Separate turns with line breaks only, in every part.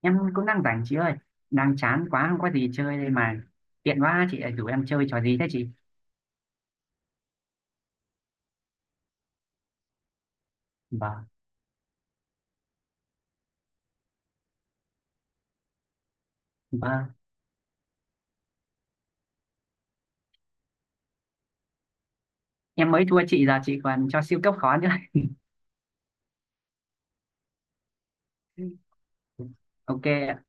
Em cũng đang rảnh chị ơi, đang chán quá không có gì chơi đây mà. Tiện quá, chị lại rủ em chơi trò gì thế chị? Vâng, vâng, em mới thua chị, giờ chị còn cho siêu cấp khó nữa. Ok ạ.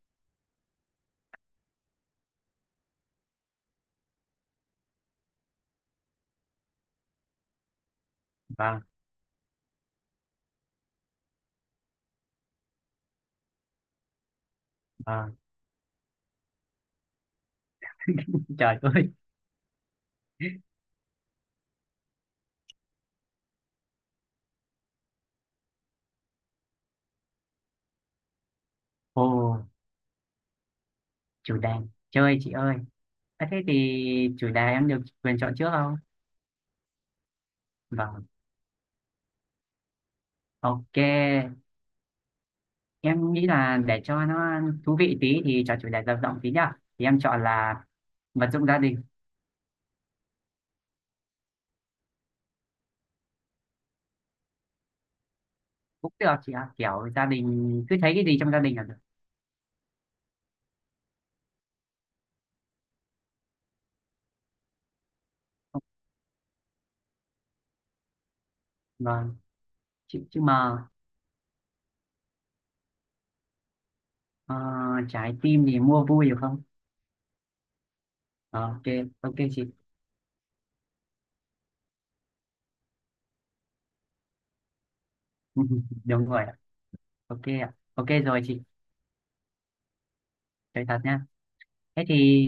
Vâng, vâng, trời ơi. Ồ, chủ đề. Chơi chị ơi. À, thế thì chủ đề em được quyền chọn trước không? Vâng, ok. Em nghĩ là để cho nó thú vị tí thì chọn chủ đề rộng rộng tí nhá. Thì em chọn là vật dụng gia đình. Cũng được chị ạ, kiểu gia đình cứ thấy cái gì trong gia đình là được. Vâng. Chị mà. ờ, Trái tim thì mua vui được không? Ờ, ok, ok chị. Đúng rồi ạ. Ok ạ, ok rồi chị. Chơi thật nha. Thế thì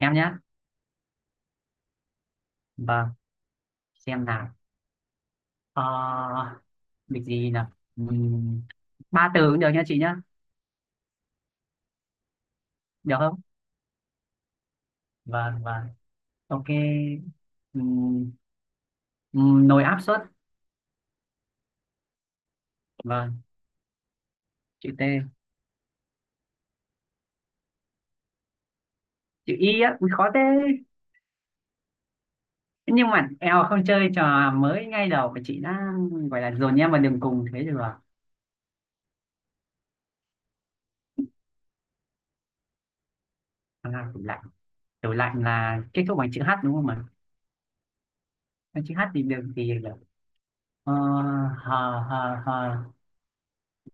em nhá. Vâng, xem nào. Ờ, Việc gì nào. Ba từ cũng được nha chị nhá. Được không? Vâng, vâng. Ok. Ừm, Nồi áp suất. Vâng, chữ T. Chữ Y á, ui, khó thế. Nhưng mà eo, không, chơi trò mới ngay đầu mà chị đã gọi là dồn em vào đường cùng thế được à? À, tủ lạnh. Kiểu lạnh là kết thúc bằng chữ H đúng không ạ? Cái chữ H thì được, thì được. Ờ, Hờ, hờ, hờ,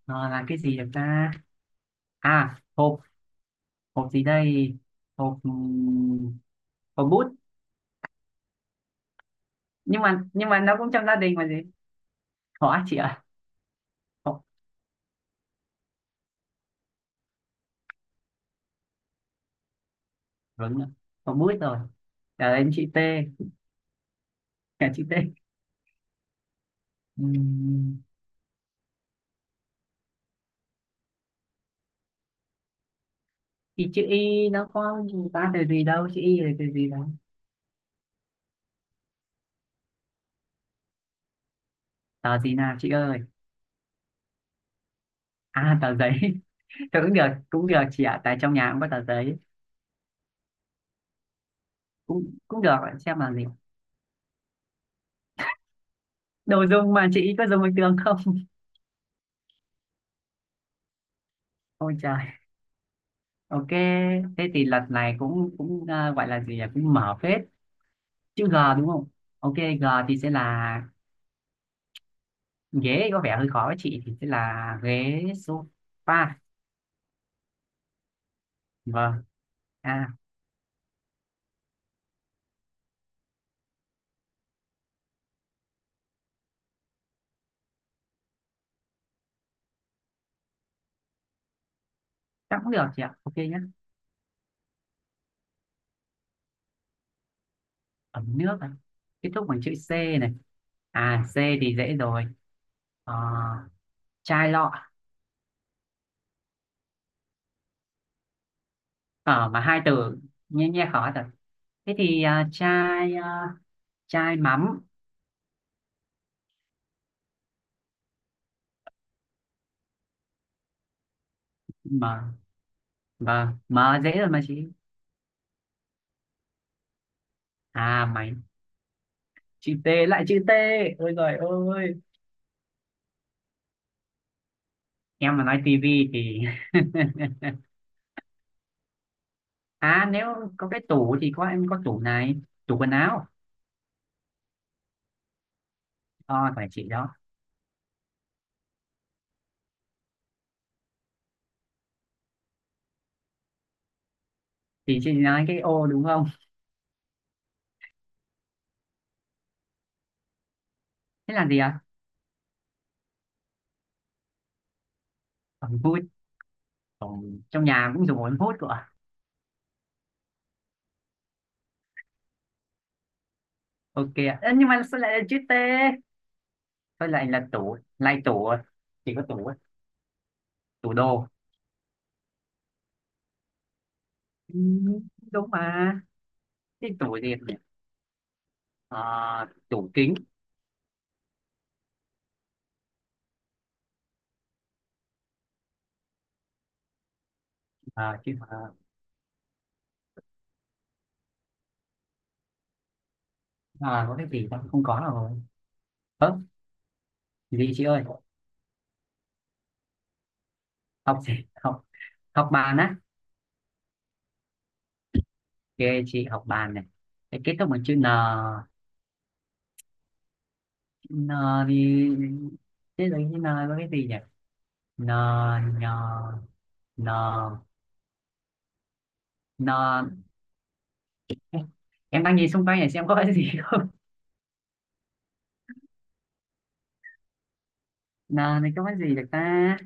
hờ là cái gì được ta? À, hộp, hộp gì đây? Hộp, hộp bút. Nhưng mà nó cũng trong gia đình mà gì? Khó chị ạ. Hộp, đúng rồi. Hộp bút rồi. Trả đến chữ T, cả chữ T. Ừm, thì chữ Y nó có gì ta, từ gì đâu, chữ Y là từ gì đâu. Tờ gì nào chị ơi? À, tờ giấy. Thôi cũng được chị ạ. Tại trong nhà cũng có tờ giấy. Cũng cũng được, bạn xem là gì? Đồ dùng mà chị có dùng bình thường không? Ôi trời. Ok. Thế thì lần này cũng cũng à, gọi là gì nhỉ, cũng mở phết. Chữ G đúng không? Ok. G thì sẽ là ghế, có vẻ hơi khó với chị, thì sẽ là ghế sofa. Vâng, à chắc cũng được chị ạ, ok nhé. Ấm nước này kết thúc bằng chữ C này. À, C thì dễ rồi. Ờ, Chai lọ. Ở mà hai từ, nghe nghe khó thật. Thế thì à, chai mắm mà. Và mà dễ rồi mà chị. À mày, chữ T, lại chữ T. Ôi giời ơi. Em mà nói tivi thì... À nếu có cái tủ thì có, em có tủ này, tủ quần áo. Ờ phải chị đó. Thì chị nói cái ô đúng không? Thế là gì ạ? Ống hút. Ờ, Trong nhà cũng dùng ống hút của ạ. Ok ạ. Ơ, nhưng mà sao lại là chữ T? Thôi lại là tủ, lại tủ à? Chỉ có tủ á, tủ đồ. Ừ, đúng mà. Cái tủ gì nhỉ? Ờ, Tủ kính. À, chứ, à, có cái gì con không có là rồi. Ơ gì chị ơi? Học gì? Học, học bàn á. Kệ chị, học bàn này. Thế kết thúc bằng chữ n. Chữ n thì... thế rồi chữ n có cái gì nhỉ? N, n, n, n, em đang nhìn xung quanh này xem có cái gì không. N này có cái gì được ta?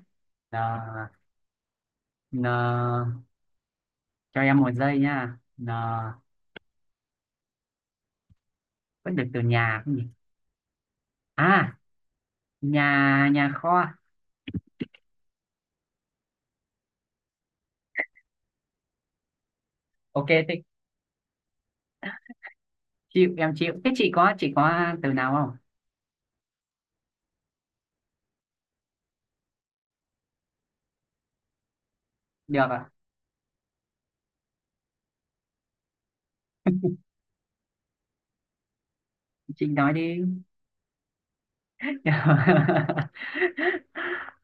N, n, cho em một giây nha. N, vẫn được từ nhà không nhỉ? À, nhà nhà kho. Ok thế, chịu, em chịu. Thế chị có từ nào không? Được à? Chị nói đi.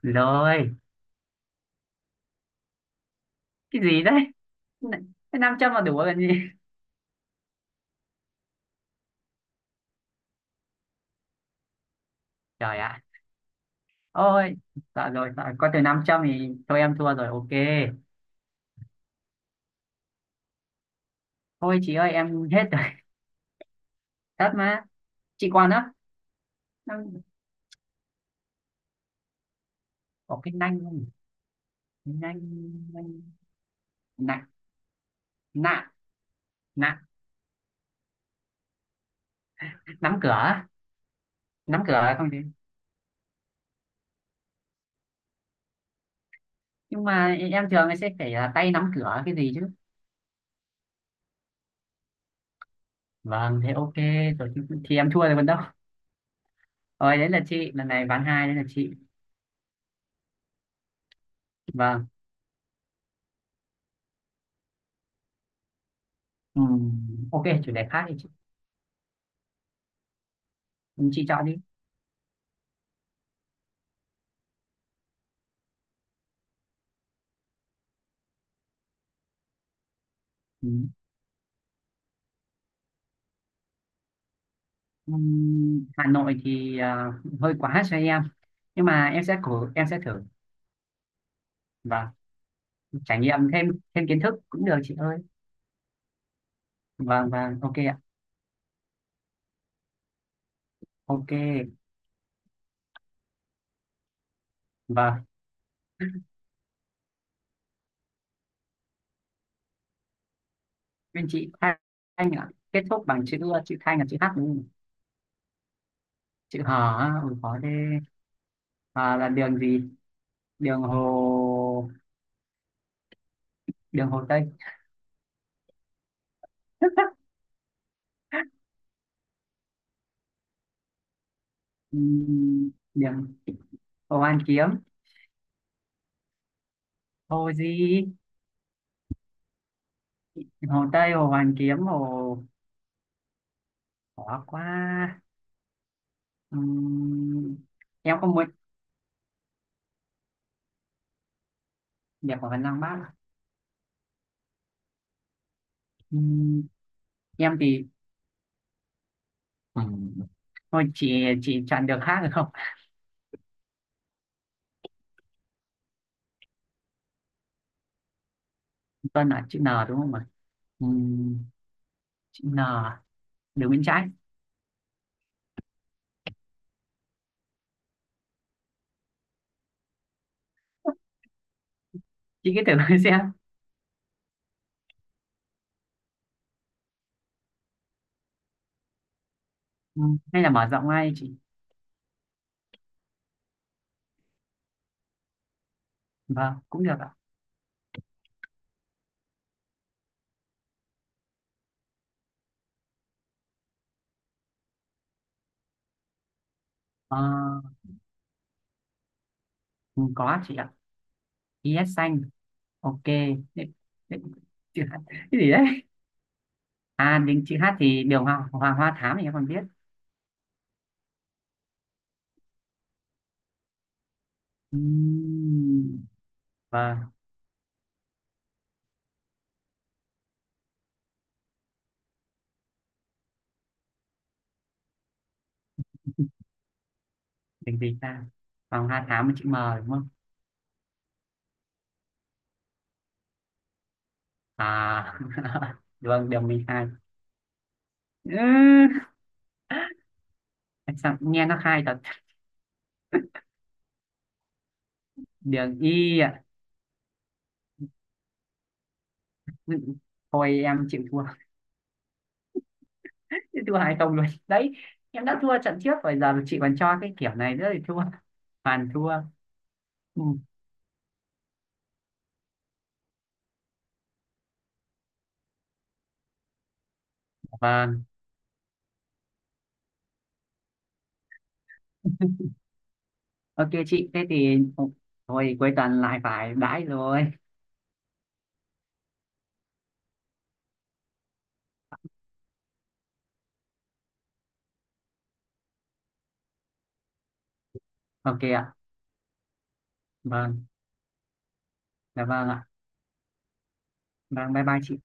Rồi. Cái gì đấy? Cái 500 là đủ rồi còn gì. Trời ạ. Ôi, sợ rồi, sợ, có từ 500 thì thôi em thua rồi, ok. Thôi chị ơi, em hết rồi. Thật mà. Chị còn á? Năm- có cái nanh không? Cái nanh, nanh, nặng, nặng, nặng, nắm cửa. Nắm cửa không chứ? Nhưng mà em thường sẽ phải là tay nắm cửa cái gì chứ. Vâng, thế ok. Rồi, thì em thua rồi còn đâu. Rồi, đấy là chị. Lần này ván 2, đấy là chị. Vâng. Ok, chủ đề khác thì chị chọn đi. Ừm, Hà Nội thì à, hơi quá cho em. Nhưng mà em sẽ cố, em sẽ thử. Và trải nghiệm thêm thêm kiến thức cũng được chị ơi. Vâng, vâng, ok ạ. Ok, vâng. Bên chị Thanh ạ. Kết thúc bằng chữ ưa, chữ Thanh là chữ H đúng không? Chữ Hò á, ôi khó thế. À, là đường gì? Đường Hồ... Đường Hồ Tây. Điểm Hồ Hoàn Kiếm, hồ gì, hồ Tây, hồ Hoàn Kiếm, hồ khó quá. Ừm, em không muốn điểm của Văn Lang Bác. Ừm, em thì ừm, thôi, chị chọn được khác được không? Tuân là chữ N đúng không ạ? Ừm, Chữ N, đường bên trái. Chị cứ thử xem. Hay là mở rộng ngay chị. Vâng, cũng được ạ. Ờ, có chị ạ. IS xanh. Ok. Thế- thế- cái gì đấy. À, đến chữ hát thì đường Hoàng Hoàng Hoa Thám thì em còn biết. Ừm, Vâng, mình gì ta? Hoàng Hoa Thám với chữ M đúng không? À, đường đường mình khai. Ừ, sao nghe nó khai thật. Đường Y ạ. Ừ, thôi em chịu thua. Thua hay không luôn. Đấy, em đã thua trận trước rồi giờ chị còn cho cái kiểu này nữa thì thua. Hoàn thua. Ừ, vâng, ok chị. Thế thì thôi, cuối tuần lại phải đãi rồi. Ok ạ. Vâng, dạ vâng ạ. Vâng, bye bye chị.